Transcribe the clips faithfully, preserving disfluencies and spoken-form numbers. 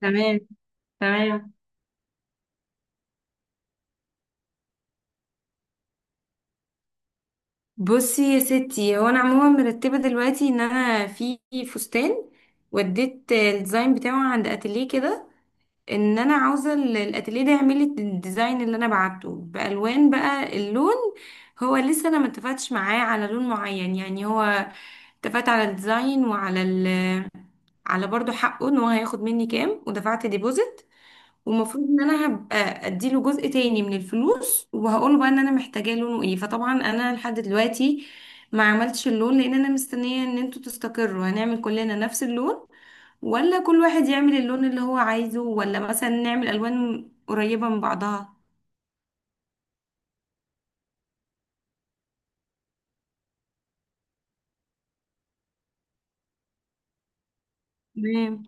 تمام. تمام. بصي يا ستي، هو انا عموما مرتبه دلوقتي ان انا في فستان، وديت الديزاين بتاعه عند اتيليه كده، ان انا عاوزه ال- الاتيليه ده يعمل لي الديزاين اللي انا بعته بالوان. بقى اللون هو لسه انا ما اتفقتش معاه على لون معين، يعني هو اتفقت على الديزاين وعلى ال... على برضو حقه ان هو هياخد مني كام، ودفعت ديبوزيت. ومفروض ان انا هبقى اديله جزء تاني من الفلوس، وهقوله بقى ان انا محتاجاه لونه ايه. فطبعا انا لحد دلوقتي ما عملتش اللون لان انا مستنية ان انتوا تستقروا، هنعمل كلنا نفس اللون ولا كل واحد يعمل اللون اللي هو عايزه ولا مثلا نعمل الوان قريبة من بعضها. تمام.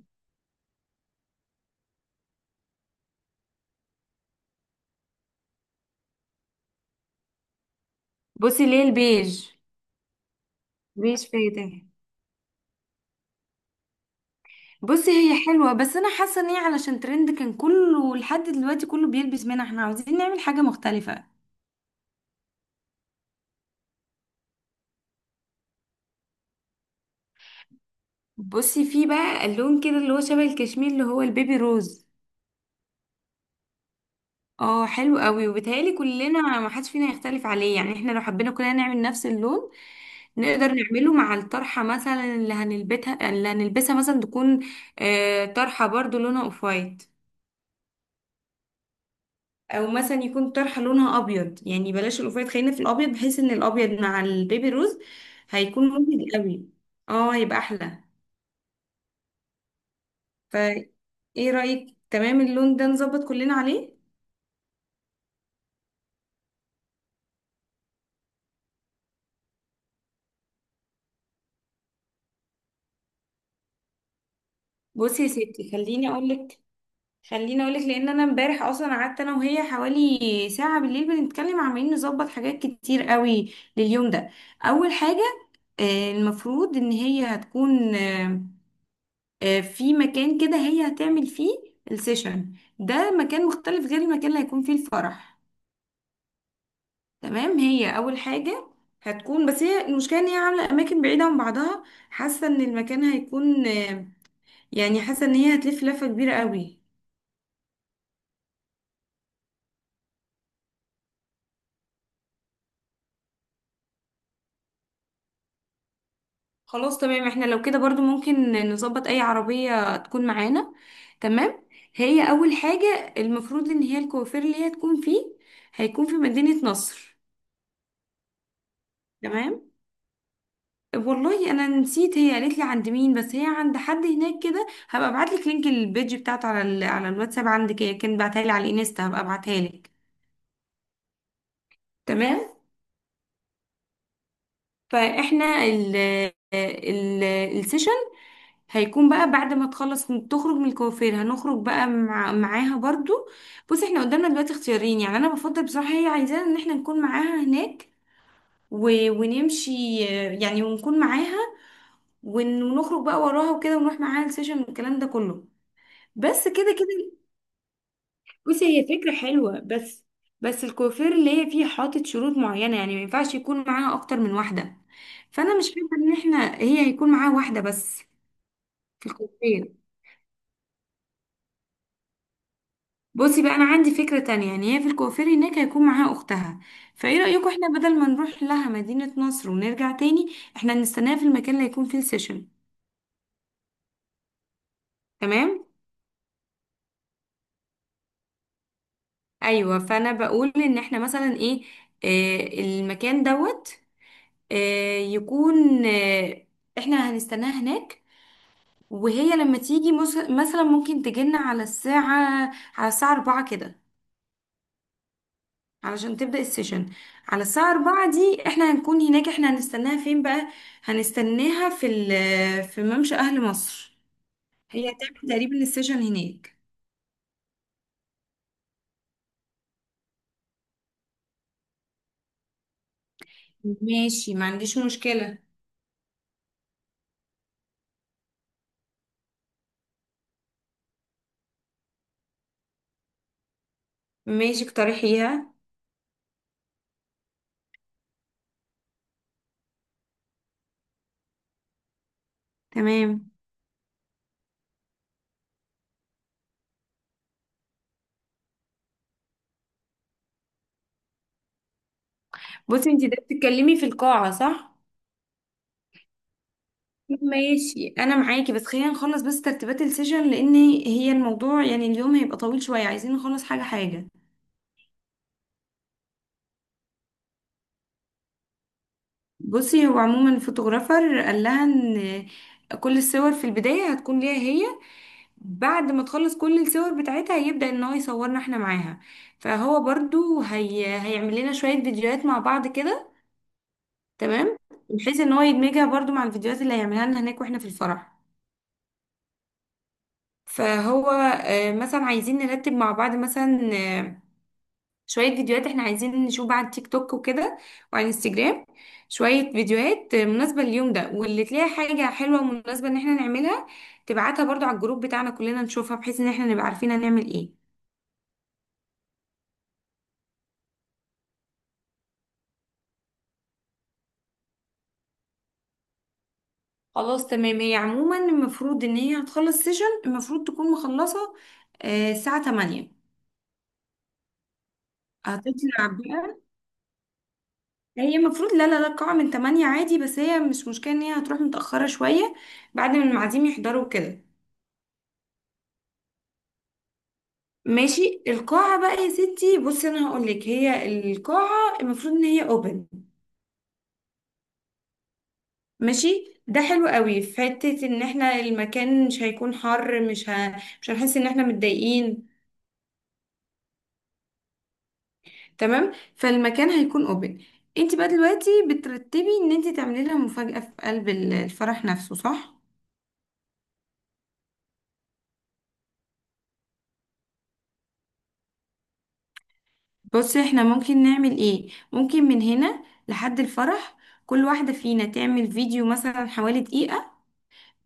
بصي، ليه البيج؟ بيج فاتح. بصي هي حلوة، بس انا حاسة ان هي علشان ترند كان كله لحد دلوقتي كله بيلبس منها، احنا عاوزين نعمل حاجة مختلفة. بصي، في بقى اللون كده اللي هو شبه الكشمير اللي هو البيبي روز. اه حلو قوي، وبيتهيألي كلنا ما حدش فينا يختلف عليه، يعني احنا لو حبينا كلنا نعمل نفس اللون نقدر نعمله مع الطرحة مثلا. اللي هنلبسها اللي هنلبسها مثلا تكون آه، طرحة برضو لونها اوف وايت، او مثلا يكون طرحة لونها ابيض. يعني بلاش الاوف وايت، خلينا في الابيض، بحيث ان الابيض مع البيبي روز هيكون مبهج قوي. اه هيبقى احلى. فايه رأيك؟ تمام، اللون ده نظبط كلنا عليه. بصي يا ستي، خليني اقولك. خليني اقولك، لان انا امبارح اصلا قعدت انا وهي حوالي ساعه بالليل بنتكلم، عمالين نظبط حاجات كتير قوي لليوم ده. اول حاجه، آه، المفروض ان هي هتكون، آه، آه، في مكان كده هي هتعمل فيه السيشن. ده مكان مختلف غير المكان اللي هيكون فيه الفرح. تمام، هي اول حاجه. هتكون بس هي المشكله ان هي عامله اماكن بعيده عن بعضها. حاسه ان المكان هيكون، آه، يعني حاسه ان هي هتلف لفه كبيره قوي. خلاص تمام، احنا لو كده برضو ممكن نظبط اي عربية تكون معانا. تمام. هي اول حاجة المفروض ان هي الكوافير اللي هي تكون فيه هيكون في مدينة نصر. تمام. والله انا نسيت، هي قالت لي عند مين، بس هي عند حد هناك كده. هبقى ابعت لك لينك البيج بتاعته على ال... على الواتساب عندك. هي كانت بعتها لي على الانستا، هبقى ابعتها لك. تمام. فاحنا ال ال السيشن هيكون بقى بعد ما تخلص من- تخرج من الكوافير، هنخرج بقى مع معاها برضو. بص، احنا قدامنا دلوقتي اختيارين، يعني انا بفضل بصراحة هي عايزانا ان احنا نكون معاها هناك و... ونمشي، آه، يعني ونكون معاها، ون- ونخرج بقى وراها وكده، ونروح معاها السيشن والكلام ده كله. بس كده كده. بصي هي فكرة حلوة، بس بس الكوافير اللي هي فيه حاطط شروط معينة، يعني ما ينفعش يكون معاها أكتر من واحدة. فأنا مش فاكرة إن احنا، هي هيكون معاها واحدة بس في الكوافير. بصي بقى، أنا عندي فكرة تانية، يعني هي في الكوافير هناك هيكون معاها أختها. فإيه رأيكم احنا بدل ما نروح لها مدينة نصر ونرجع تاني، احنا نستناها في المكان اللي هيكون فيه السيشن. تمام؟ أيوة. فأنا بقول إن احنا مثلا، إيه، آه المكان دوت، آه يكون آه احنا هنستناها هناك، وهي لما تيجي مس- مثلا ممكن تجينا على الساعة، على الساعة أربعة كده، علشان تبدأ السيشن. على الساعة أربعة دي احنا هنكون هناك. احنا هنستناها فين بقى؟ هنستناها في ال- في ممشى أهل مصر. هي هتعمل تقريبا السيشن هناك. ماشي، ما عنديش مشكلة. ماشي اقترحيها. تمام. بصي انتي ده بتتكلمي في القاعة، صح؟ ماشي، انا معاكي، بس خلينا نخلص بس ترتيبات السيشن، لان هي الموضوع يعني اليوم هيبقى طويل شوية، عايزين نخلص حاجة حاجة. بصي هو عموما الفوتوغرافر قال لها ان كل الصور في البداية هتكون ليها هي، بعد ما تخلص كل الصور بتاعتها هيبدأ ان هو يصورنا احنا معاها. فهو برضو هي... هيعمل لنا شوية فيديوهات مع بعض كده. تمام. بحيث ان هو يدمجها برضو مع الفيديوهات اللي هيعملها لنا هناك واحنا في الفرح. فهو آه، مثلا عايزين نرتب مع بعض مثلا، آه، شوية فيديوهات احنا عايزين نشوف بقى على التيك توك وكده، وعلى الانستجرام. شوية فيديوهات مناسبة لليوم ده، واللي تلاقي حاجة حلوة ومناسبة ان احنا نعملها تبعتها برضو على الجروب بتاعنا، كلنا نشوفها بحيث ان احنا نبقى عارفين هنعمل ايه. خلاص تمام. هي عموما المفروض ان هي هتخلص سيشن، المفروض تكون مخلصة آه، الساعة تمانية. هتطلع بقى. هي المفروض، لا لا لا، القاعة من تمانية عادي، بس هي مش مشكلة ان هي هتروح متأخرة شوية بعد ما المعازيم يحضروا كده. ماشي. القاعة بقى يا ستي بصي انا هقول لك، هي القاعة المفروض ان هي اوبن. ماشي، ده حلو قوي في حتة ان احنا المكان مش هيكون حر، مش ه... مش هنحس ان احنا متضايقين. تمام، فالمكان هيكون اوبن. انت بقى دلوقتي بترتبي ان انت تعملي لها مفاجأة في قلب ال- الفرح نفسه، صح؟ بصي، احنا ممكن نعمل ايه؟ ممكن من هنا لحد الفرح كل واحدة فينا تعمل فيديو مثلا حوالي دقيقة،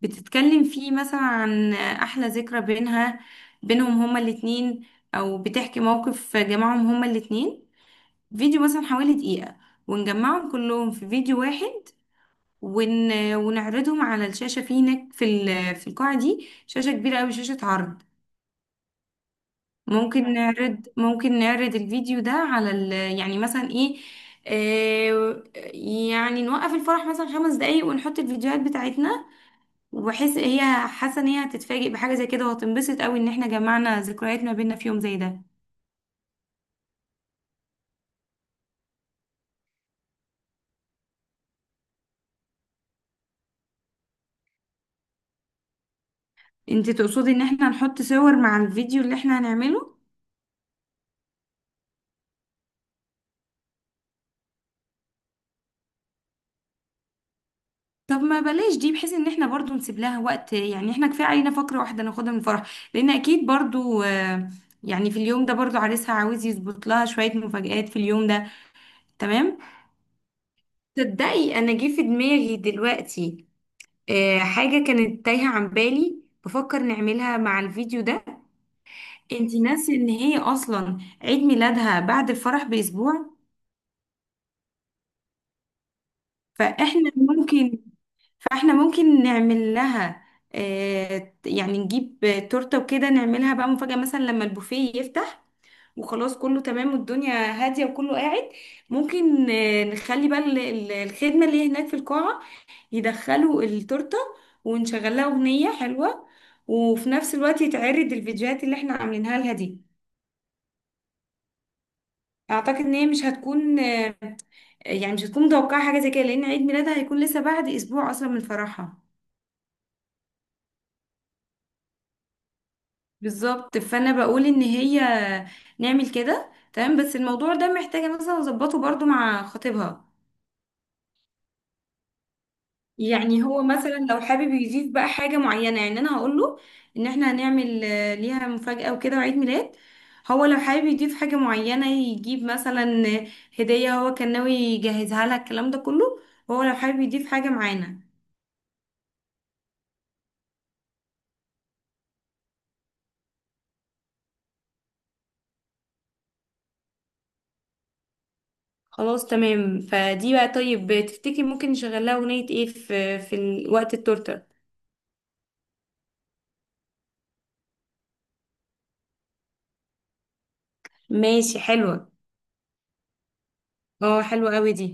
بتتكلم فيه مثلا عن احلى ذكرى بينها، بينهم هما الاتنين، او بتحكي موقف جمعهم هما الاتنين. فيديو مثلا حوالي دقيقة، ونجمعهم كلهم في فيديو واحد، ون... ونعرضهم على الشاشة في هناك، في ال... في القاعة دي شاشة كبيرة أوي، شاشة عرض. ممكن نعرض ممكن نعرض الفيديو ده على ال... يعني مثلا ايه، آه، يعني نوقف الفرح مثلا خمس دقايق ونحط الفيديوهات بتاعتنا. وبحس هي حاسه ان هي هتتفاجئ بحاجه زي كده، وهتنبسط قوي ان احنا جمعنا ذكريات ما بينا في يوم زي ده. انت تقصدي ان احنا نحط صور مع الفيديو اللي احنا هنعمله؟ طب ما بلاش دي، بحيث ان احنا برضو نسيب لها وقت، يعني احنا كفايه علينا فقره واحده ناخدها من الفرح، لان اكيد برضو آه، يعني في اليوم ده برضو عريسها عاوز يظبط لها شويه مفاجآت في اليوم ده. تمام. تصدقي انا جه في دماغي دلوقتي آه، حاجه كانت تايهه عن بالي بفكر نعملها مع الفيديو ده. انتي ناسي ان هي اصلا عيد ميلادها بعد الفرح باسبوع. فاحنا ممكن فاحنا ممكن نعمل لها آه يعني نجيب تورته وكده، نعملها بقى مفاجأة مثلا لما البوفيه يفتح، وخلاص كله تمام والدنيا هادية وكله قاعد. ممكن آه، نخلي بقى ال- ال- الخدمة اللي هناك في القاعة يدخلوا التورته، ونشغل لها أغنية حلوة، وفي نفس الوقت يتعرض الفيديوهات اللي احنا عاملينها لها دي. اعتقد ان هي مش هتكون آه، يعني مش هتكون متوقعة حاجة زي كده، لأن عيد ميلادها هيكون لسه بعد أسبوع أصلا من فرحها. بالظبط. فأنا بقول إن هي نعمل كده تمام، بس الموضوع ده محتاجة مثلا أظبطه برضو مع خطيبها. يعني هو مثلا لو حابب يضيف بقى حاجة معينة، يعني أنا هقوله إن إحنا هنعمل آه، ليها مفاجأة وكده وعيد ميلاد، هو لو حابب يضيف حاجة معينة يجيب مثلا هدية هو كان ناوي يجهزها لها الكلام ده كله، هو لو حابب يضيف حاجة معانا. خلاص تمام. فدي بقى، طيب تفتكري ممكن نشغل لها اغنية ايه في في ال- وقت التورتة؟ ماشي حلوة. اه حلوة قوي دي.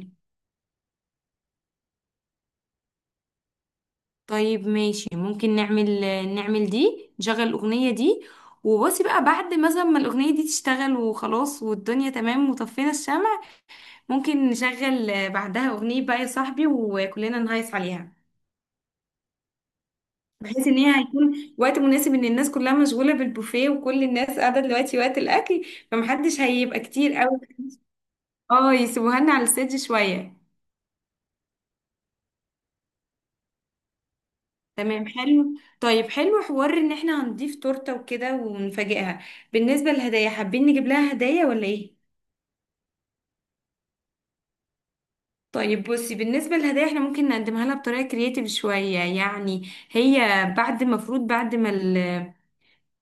طيب ماشي، ممكن نعمل نعمل دي، نشغل الأغنية دي. وبصي بقى بعد مثلا ما الأغنية دي تشتغل وخلاص والدنيا تمام وطفينا الشمع، ممكن نشغل بعدها أغنية بقى يا صاحبي وكلنا نهيص عليها. بحيث ان هي هيكون وقت مناسب ان الناس كلها مشغولة بالبوفيه، وكل الناس قاعدة دلوقتي وقت الأكل، فمحدش هيبقى كتير قوي. اه يسيبوها لنا على السيج شوية. تمام، حلو. طيب، حلو حوار ان احنا هنضيف تورتة وكده ونفاجئها. بالنسبة للهدايا، حابين نجيب لها هدايا ولا ايه؟ طيب بصي، بالنسبة للهدايا احنا ممكن نقدمها لها بطريقة كرياتيف شوية، يعني هي بعد المفروض بعد ما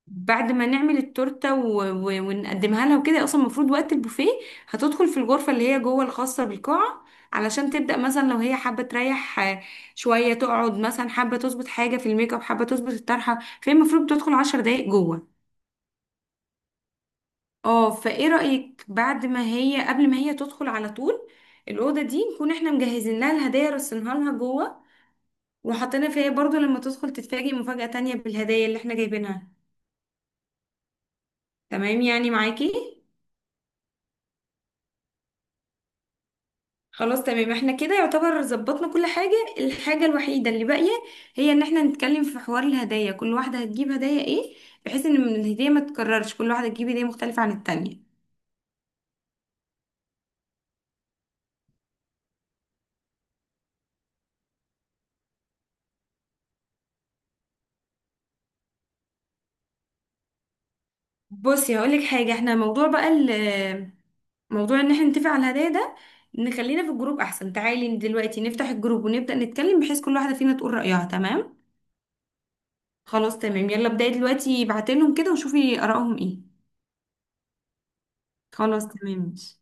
بعد ما نعمل التورته و... و... ونقدمها لها وكده، اصلا المفروض وقت البوفيه هتدخل في الغرفه اللي هي جوه الخاصه بالقاعه، علشان تبدا مثلا لو هي حابه تريح آه، شويه، تقعد مثلا حابه تظبط حاجه في الميك اب، حابه تظبط الطرحه. فهي المفروض بتدخل عشر دقايق جوه. اه فايه رايك بعد ما هي قبل ما هي تدخل على طول الاوضه دي نكون احنا مجهزين لها الهدايا رصينها لها جوه وحاطينها فيها برضو لما تدخل تتفاجئ مفاجاه تانية بالهدايا اللي احنا جايبينها. تمام يعني معاكي. خلاص تمام، احنا كده يعتبر ظبطنا كل حاجة، الحاجة الوحيدة اللي باقية هي ان احنا نتكلم في حوار الهدايا، كل واحدة هتجيب هدايا ايه، بحيث ان من الهدية ما تتكررش كل واحدة تجيب هدية مختلفة عن التانية. بصي هقولك حاجة، احنا موضوع بقى ال- موضوع ان احنا نتفق على الهدايا ده نخلينا في الجروب احسن، تعالي دلوقتي نفتح الجروب ونبدأ نتكلم بحيث كل واحدة فينا تقول رأيها، تمام؟ خلاص تمام. يلا ابدأي دلوقتي، ابعتي لهم كده وشوفي آرائهم ايه. خلاص تمام ماشي.